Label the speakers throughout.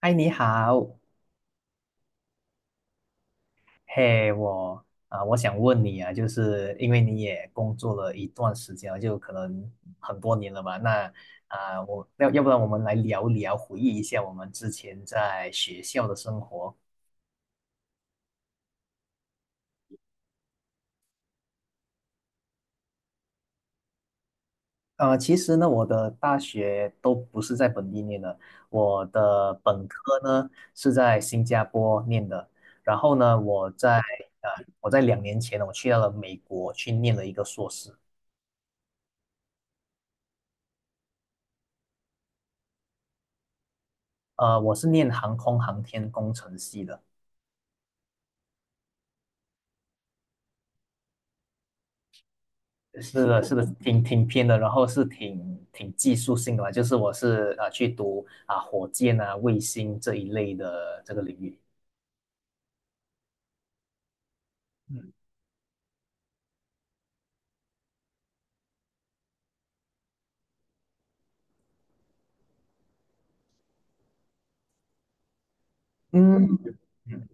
Speaker 1: 嗨，你好。嘿，我想问你啊，就是因为你也工作了一段时间了，就可能很多年了吧？那要不然我们来聊一聊，回忆一下我们之前在学校的生活。其实呢，我的大学都不是在本地念的。我的本科呢是在新加坡念的。然后呢，我在2年前呢，我去到了美国去念了一个硕士。我是念航空航天工程系的。是的，是的，挺偏的。然后是挺技术性的吧，就是我是啊、呃去读火箭啊、卫星这一类的这个领域。嗯嗯，嗯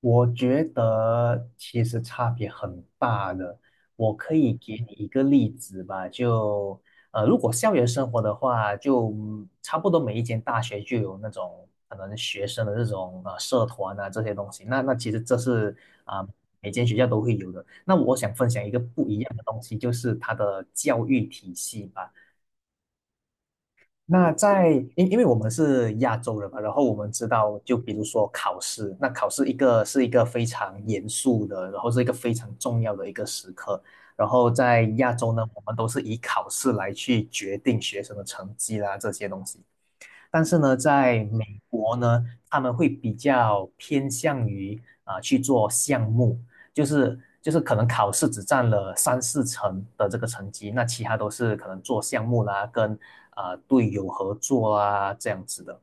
Speaker 1: 我觉得其实差别很大的。我可以给你一个例子吧。就如果校园生活的话，就差不多每一间大学就有那种可能学生的这种社团啊这些东西。那其实这是啊、每间学校都会有的。那我想分享一个不一样的东西，就是它的教育体系吧。那因为我们是亚洲人嘛，然后我们知道，就比如说考试，那考试是一个非常严肃的，然后是一个非常重要的一个时刻。然后在亚洲呢，我们都是以考试来去决定学生的成绩啦，这些东西。但是呢，在美国呢，他们会比较偏向于去做项目，就是可能考试只占了3、4成的这个成绩，那其他都是可能做项目啦，跟队友合作啊这样子的。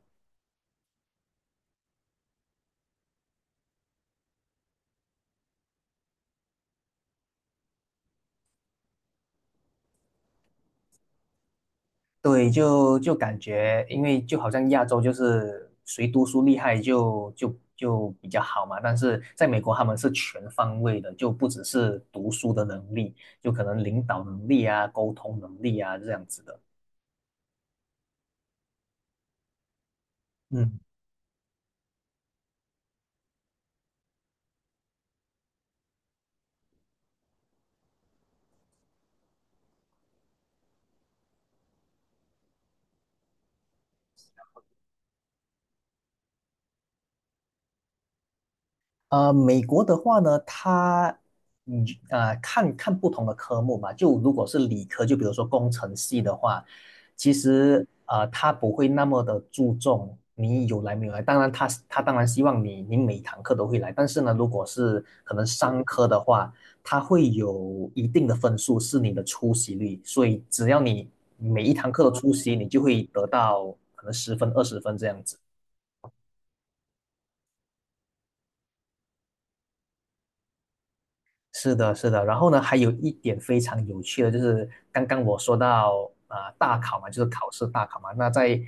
Speaker 1: 对，就感觉，因为就好像亚洲就是谁读书厉害就比较好嘛，但是在美国他们是全方位的，就不只是读书的能力，就可能领导能力啊、沟通能力啊这样子的。嗯，美国的话呢，它看看不同的科目吧。就如果是理科，就比如说工程系的话，其实他不会那么的注重你有来没有来。当然他当然希望你每堂课都会来，但是呢，如果是可能商科的话，它会有一定的分数是你的出席率，所以只要你每一堂课都出席，你就会得到可能10分20分这样子。是的，是的。然后呢，还有一点非常有趣的，就是刚刚我说到大考嘛，就是考试大考嘛。那在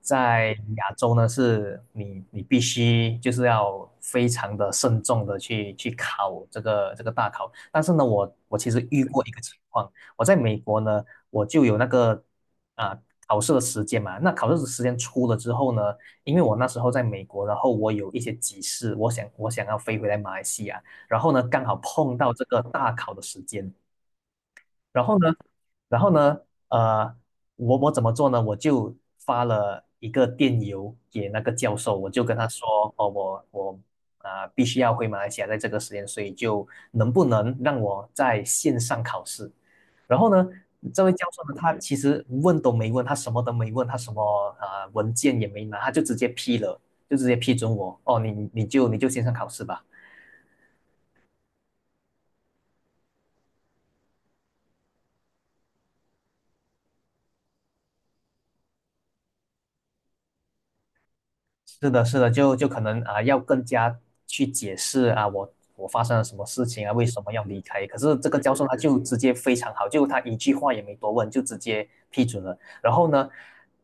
Speaker 1: 在亚洲呢，是你必须就是要非常的慎重的去考这个大考。但是呢，我其实遇过一个情况，我在美国呢，我就有那个啊、考试的时间嘛。那考试的时间出了之后呢，因为我那时候在美国，然后我有一些急事，我想要飞回来马来西亚。然后呢，刚好碰到这个大考的时间。然后呢，然后呢，呃，我我怎么做呢？我就发了一个电邮给那个教授，我就跟他说，哦，我必须要回马来西亚，在这个时间，所以就能不能让我在线上考试？然后呢，这位教授呢，他其实问都没问，他什么都没问，他什么文件也没拿，他就直接批了，就直接批准我，哦，你就线上考试吧。是的，是的，就可能要更加去解释啊，我发生了什么事情啊，为什么要离开？可是这个教授他就直接非常好，就他一句话也没多问，就直接批准了。然后呢，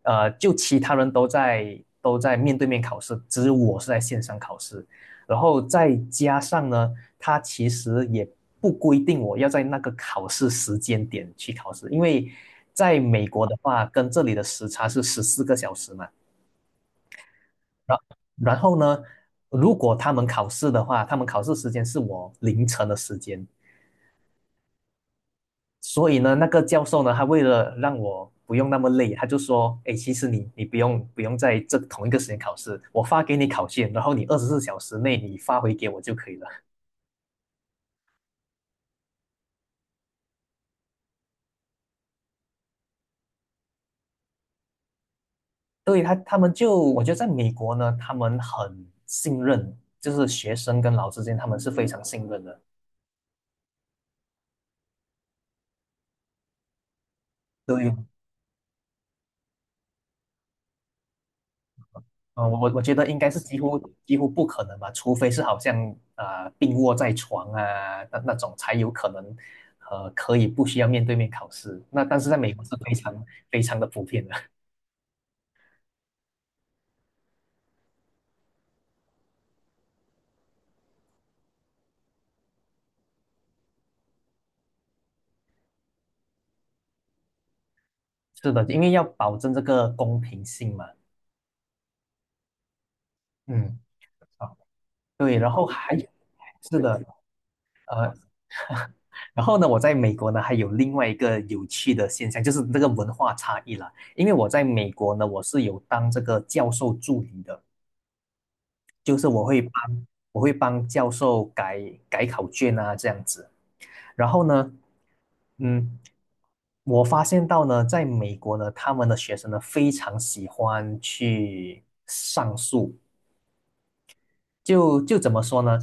Speaker 1: 就其他人都在面对面考试，只有我是在线上考试。然后再加上呢，他其实也不规定我要在那个考试时间点去考试，因为在美国的话，跟这里的时差是14个小时嘛。然然后呢，如果他们考试的话，他们考试时间是我凌晨的时间，所以呢，那个教授呢，他为了让我不用那么累，他就说，哎，其实你不用在这同一个时间考试，我发给你考卷，然后你24小时内你发回给我就可以了。对，他们就我觉得在美国呢，他们很信任，就是学生跟老师之间他们是非常信任的。对，嗯，我觉得应该是几乎几乎不可能吧，除非是好像病卧在床啊那种才有可能，可以不需要面对面考试。那但是在美国是非常非常的普遍的。是的，因为要保证这个公平性嘛。嗯。啊。对。然后还是的。呃，然后呢，我在美国呢还有另外一个有趣的现象，就是这个文化差异啦。因为我在美国呢，我是有当这个教授助理的。就是我会帮教授改考卷啊这样子。然后呢，嗯，我发现到呢，在美国呢，他们的学生呢非常喜欢去上诉。就怎么说呢？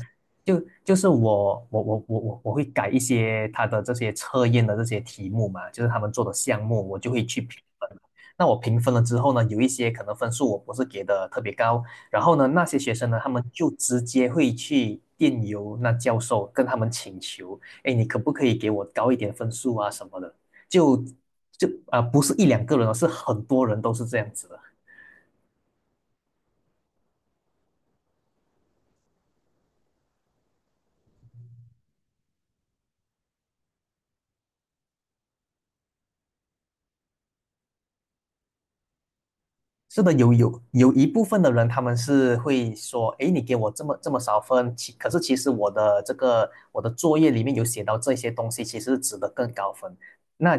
Speaker 1: 就是我会改一些他的这些测验的这些题目嘛，就是他们做的项目，我就会去评分。那我评分了之后呢，有一些可能分数我不是给的特别高，然后呢，那些学生呢，他们就直接会去电邮那教授，跟他们请求，哎，你可不可以给我高一点分数啊什么的？就就啊、不是一两个人哦，是很多人都是这样子的。是的，有一部分的人，他们是会说，诶，你给我这么这么少分，可是其实我的作业里面有写到这些东西，其实是值得更高分。那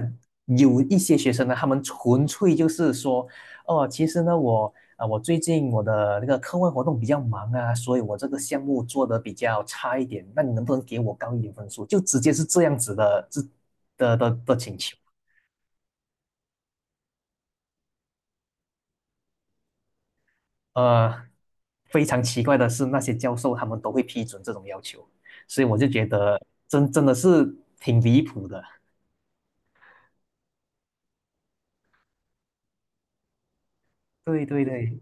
Speaker 1: 有一些学生呢，他们纯粹就是说，哦，其实呢，我最近我的那个课外活动比较忙啊，所以我这个项目做的比较差一点，那你能不能给我高一点分数？就直接是这样子的，这的请求。呃，非常奇怪的是，那些教授他们都会批准这种要求，所以我就觉得真的是挺离谱的。对对对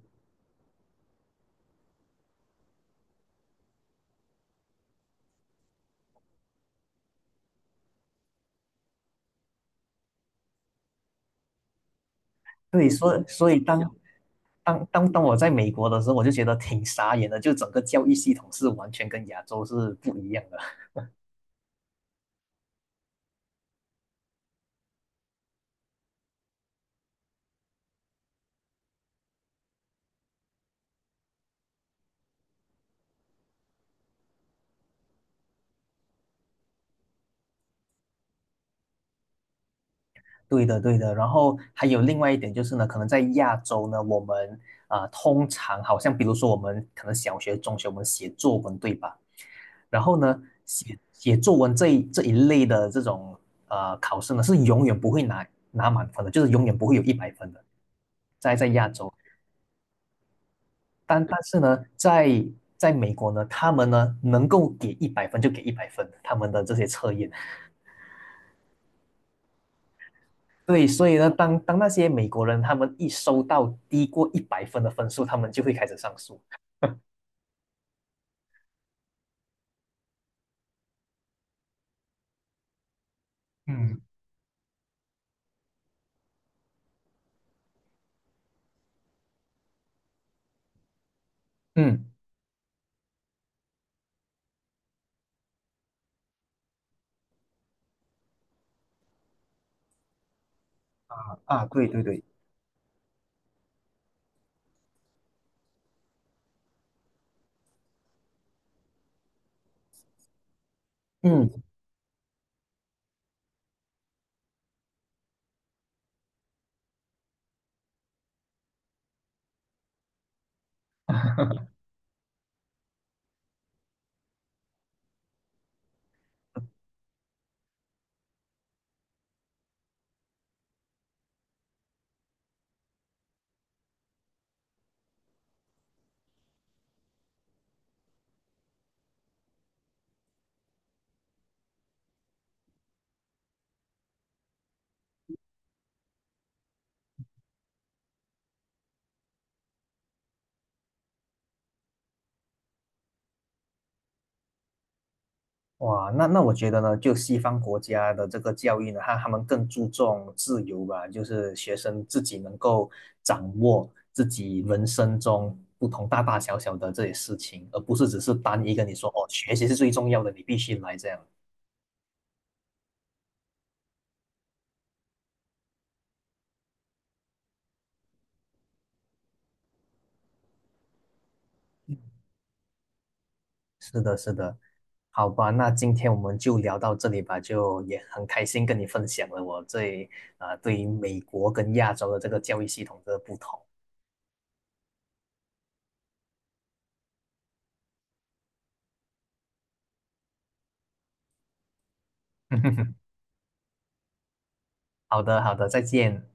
Speaker 1: 对，所以当我在美国的时候，我就觉得挺傻眼的，就整个教育系统是完全跟亚洲是不一样的。对的，对的。然后还有另外一点就是呢，可能在亚洲呢，我们通常好像比如说我们可能小学、中学我们写作文，对吧？然后呢，写作文这一类的这种考试呢，是永远不会拿满分的，就是永远不会有一百分的，在亚洲，但是呢，在美国呢，他们呢能够给一百分就给一百分，他们的这些测验。对，所以呢，当那些美国人他们一收到低过一百分的分数，他们就会开始上诉。嗯嗯，啊啊，对对对，嗯。哇，那我觉得呢，就西方国家的这个教育呢，他们更注重自由吧，就是学生自己能够掌握自己人生中不同大大小小的这些事情，而不是只是单一跟你说哦，学习是最重要的，你必须来这样。是的，是的。好吧，那今天我们就聊到这里吧，就也很开心跟你分享了我这对于美国跟亚洲的这个教育系统的不同。好的，好的，再见。